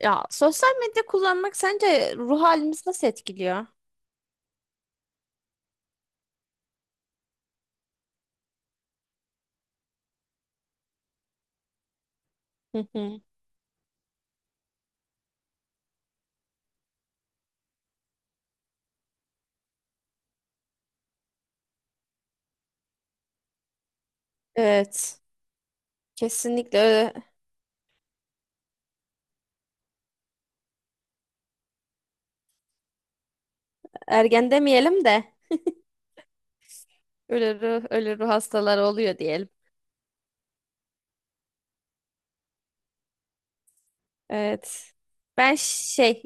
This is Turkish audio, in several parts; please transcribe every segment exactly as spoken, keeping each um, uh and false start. Ya sosyal medya kullanmak sence ruh halimizi nasıl etkiliyor? Hı hı. Evet, kesinlikle öyle. Ergen demeyelim de ölü ruh, ölü ruh hastaları oluyor diyelim. Evet. Ben şey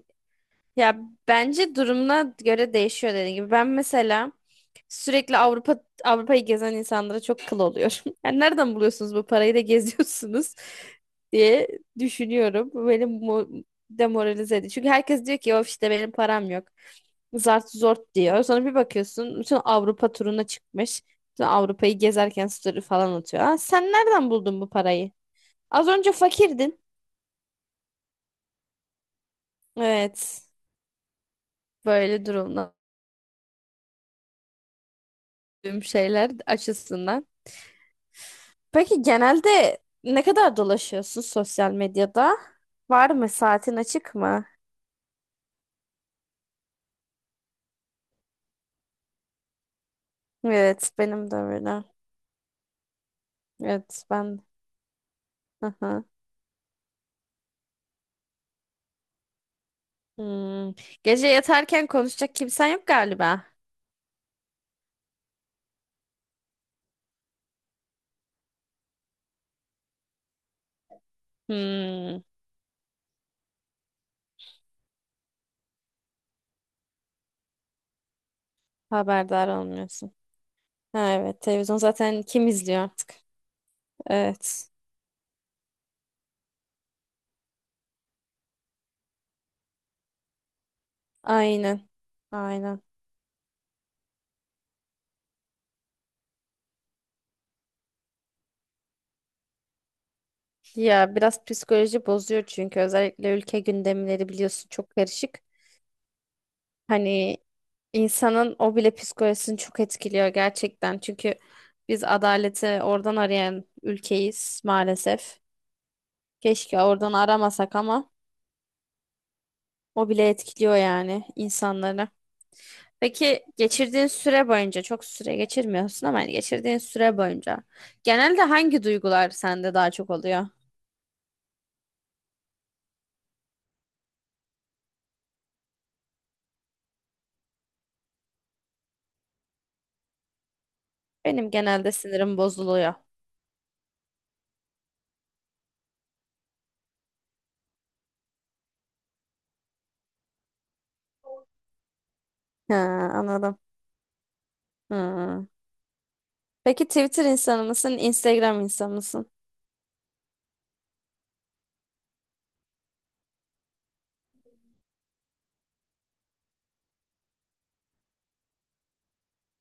Ya bence durumuna göre değişiyor dediğim gibi. Ben mesela sürekli Avrupa Avrupa'yı gezen insanlara çok kıl oluyorum. Yani nereden buluyorsunuz bu parayı da geziyorsunuz diye düşünüyorum. Bu beni mo- demoralize ediyor. Çünkü herkes diyor ki of işte benim param yok. Zart zort diyor. Sonra bir bakıyorsun bütün Avrupa turuna çıkmış. Bütün Avrupa'yı gezerken story falan atıyor. Aa, sen nereden buldun bu parayı? Az önce fakirdin. Evet. Böyle durumlar şeyler açısından. Peki genelde ne kadar dolaşıyorsun sosyal medyada? Var mı? Saatin açık mı? Evet, benim de öyle. Evet, ben. Hı hı. Hmm. Gece yatarken konuşacak kimsen yok galiba. Hmm. Haberdar olmuyorsun. Ha, evet, televizyon zaten kim izliyor artık? Evet. Aynen. Aynen. Ya biraz psikoloji bozuyor çünkü özellikle ülke gündemleri biliyorsun çok karışık. Hani insanın o bile psikolojisini çok etkiliyor gerçekten. Çünkü biz adaleti oradan arayan ülkeyiz maalesef. Keşke oradan aramasak ama o bile etkiliyor yani insanları. Peki geçirdiğin süre boyunca çok süre geçirmiyorsun ama yani geçirdiğin süre boyunca genelde hangi duygular sende daha çok oluyor? Benim genelde sinirim bozuluyor. Ha, anladım. Hı. Peki Twitter insanı mısın, Instagram insanı mısın?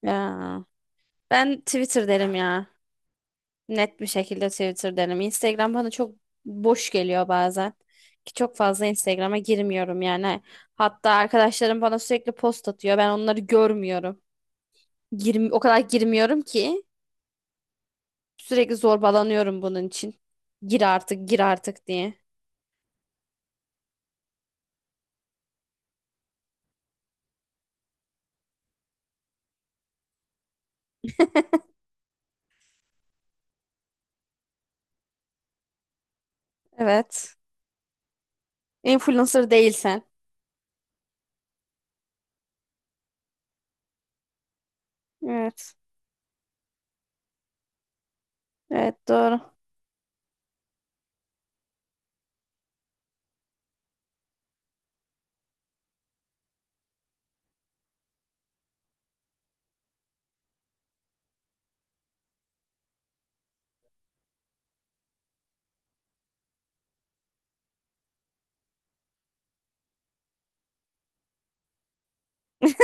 Ya ben Twitter derim ya. Net bir şekilde Twitter derim. Instagram bana çok boş geliyor bazen. Ki çok fazla Instagram'a girmiyorum yani. Hatta arkadaşlarım bana sürekli post atıyor. Ben onları görmüyorum. Girim, o kadar girmiyorum ki sürekli zorbalanıyorum bunun için. Gir artık, gir artık diye. Evet. Influencer değilsen. Evet. Evet doğru.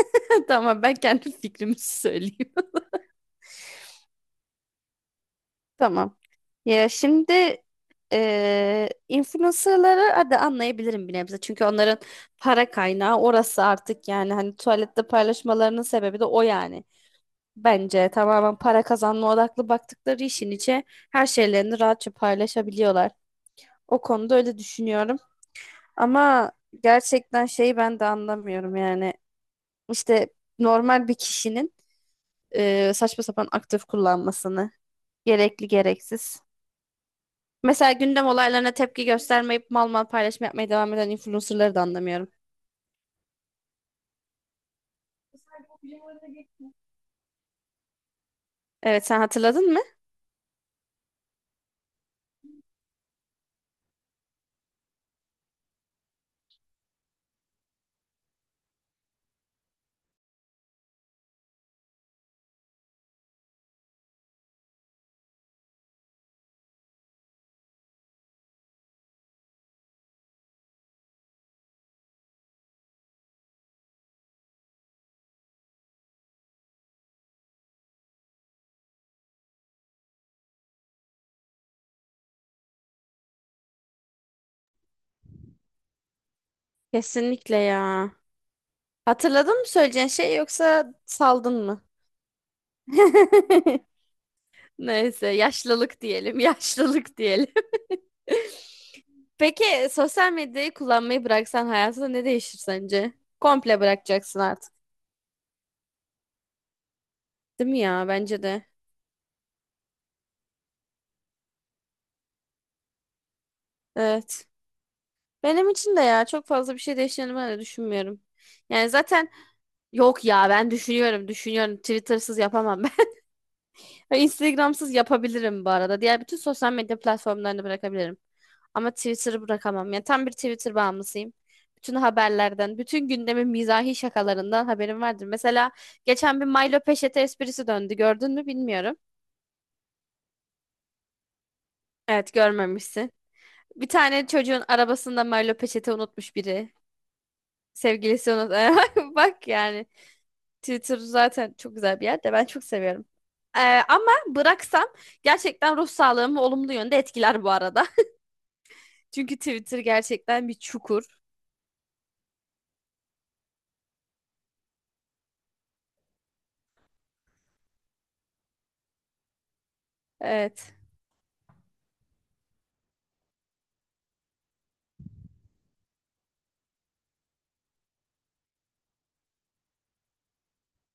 Tamam ben kendi fikrimi söyleyeyim. Tamam. Ya şimdi eee influencerları hadi anlayabilirim bir nebze. Çünkü onların para kaynağı orası artık yani hani tuvalette paylaşmalarının sebebi de o yani. Bence tamamen para kazanma odaklı baktıkları işin içe her şeylerini rahatça paylaşabiliyorlar. O konuda öyle düşünüyorum. Ama gerçekten şeyi ben de anlamıyorum yani. İşte normal bir kişinin eee, saçma sapan aktif kullanmasını gerekli gereksiz. Mesela gündem olaylarına tepki göstermeyip mal mal paylaşım yapmaya devam eden influencerları da anlamıyorum. Evet sen hatırladın mı? Kesinlikle ya. Hatırladın mı söyleyeceğin şey yoksa saldın mı? Neyse yaşlılık diyelim, yaşlılık diyelim. Peki sosyal medyayı kullanmayı bıraksan hayatında ne değişir sence? Komple bırakacaksın artık. Değil mi ya? Bence de. Evet. Benim için de ya çok fazla bir şey değişeceğini ben de düşünmüyorum. Yani zaten yok ya, ben düşünüyorum düşünüyorum. Twitter'sız yapamam ben. Instagram'sız yapabilirim bu arada. Diğer bütün sosyal medya platformlarını bırakabilirim. Ama Twitter'ı bırakamam. Yani tam bir Twitter bağımlısıyım. Bütün haberlerden, bütün gündemin mizahi şakalarından haberim vardır. Mesela geçen bir Milo Peşete esprisi döndü. Gördün mü bilmiyorum. Evet görmemişsin. Bir tane çocuğun arabasında Milo Peşete unutmuş biri. Sevgilisi unut. Bak yani. Twitter zaten çok güzel bir yer de ben çok seviyorum. Ee, ama bıraksam gerçekten ruh sağlığımı olumlu yönde etkiler bu arada. Çünkü Twitter gerçekten bir çukur. Evet.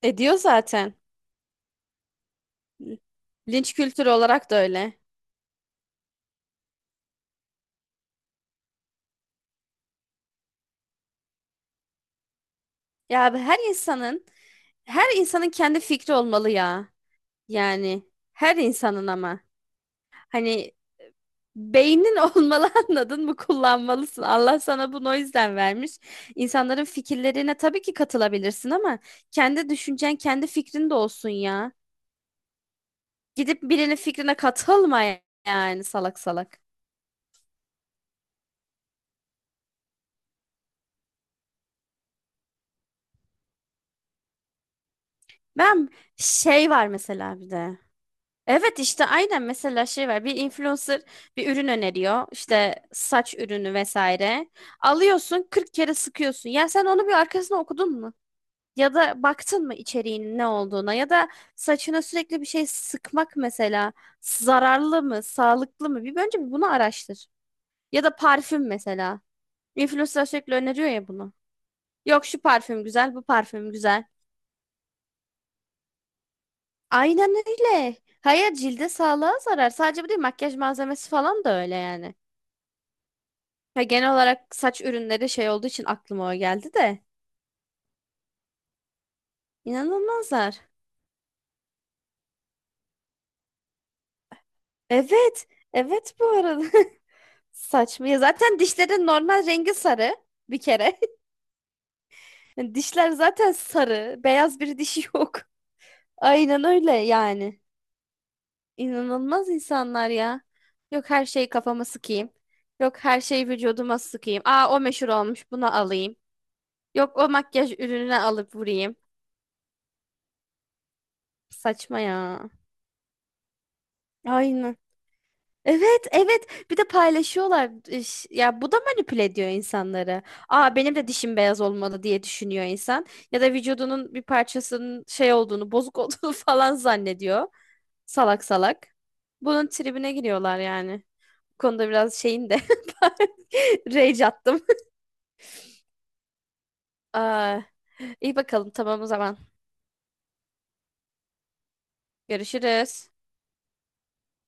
Ediyor zaten. Linç kültürü olarak da öyle. Ya abi, her insanın her insanın kendi fikri olmalı ya. Yani her insanın ama. Hani beynin olmalı anladın mı? Kullanmalısın. Allah sana bunu o yüzden vermiş. İnsanların fikirlerine tabii ki katılabilirsin ama kendi düşüncen, kendi fikrin de olsun ya. Gidip birinin fikrine katılma yani, salak salak. Ben şey var mesela bir de. Evet işte aynen, mesela şey var. Bir influencer bir ürün öneriyor, işte saç ürünü vesaire. Alıyorsun kırk kere sıkıyorsun. Ya sen onu bir arkasına okudun mu? Ya da baktın mı içeriğinin ne olduğuna, ya da saçına sürekli bir şey sıkmak mesela zararlı mı, sağlıklı mı? Bir önce bir bunu araştır. Ya da parfüm mesela. Influencer sürekli öneriyor ya bunu. Yok şu parfüm güzel, bu parfüm güzel. Aynen öyle. Hayır, cilde sağlığa zarar. Sadece bu değil, makyaj malzemesi falan da öyle yani. Ya genel olarak saç ürünleri şey olduğu için aklıma o geldi de. İnanılmazlar. Evet. Evet bu arada. Saçma ya. Zaten dişlerin normal rengi sarı bir kere. Yani dişler zaten sarı. Beyaz bir dişi yok. Aynen öyle yani. İnanılmaz insanlar ya. Yok her şeyi kafama sıkayım. Yok her şeyi vücuduma sıkayım. Aa, o meşhur olmuş, buna alayım. Yok o makyaj ürününe alıp vurayım. Saçma ya. Aynen. Evet, evet. Bir de paylaşıyorlar. İş- ya bu da manipüle ediyor insanları. Aa, benim de dişim beyaz olmalı diye düşünüyor insan. Ya da vücudunun bir parçasının şey olduğunu, bozuk olduğunu falan zannediyor. Salak salak. Bunun tribine giriyorlar yani. Bu konuda biraz şeyim de rage attım. Aa, iyi bakalım, tamam o zaman. Görüşürüz.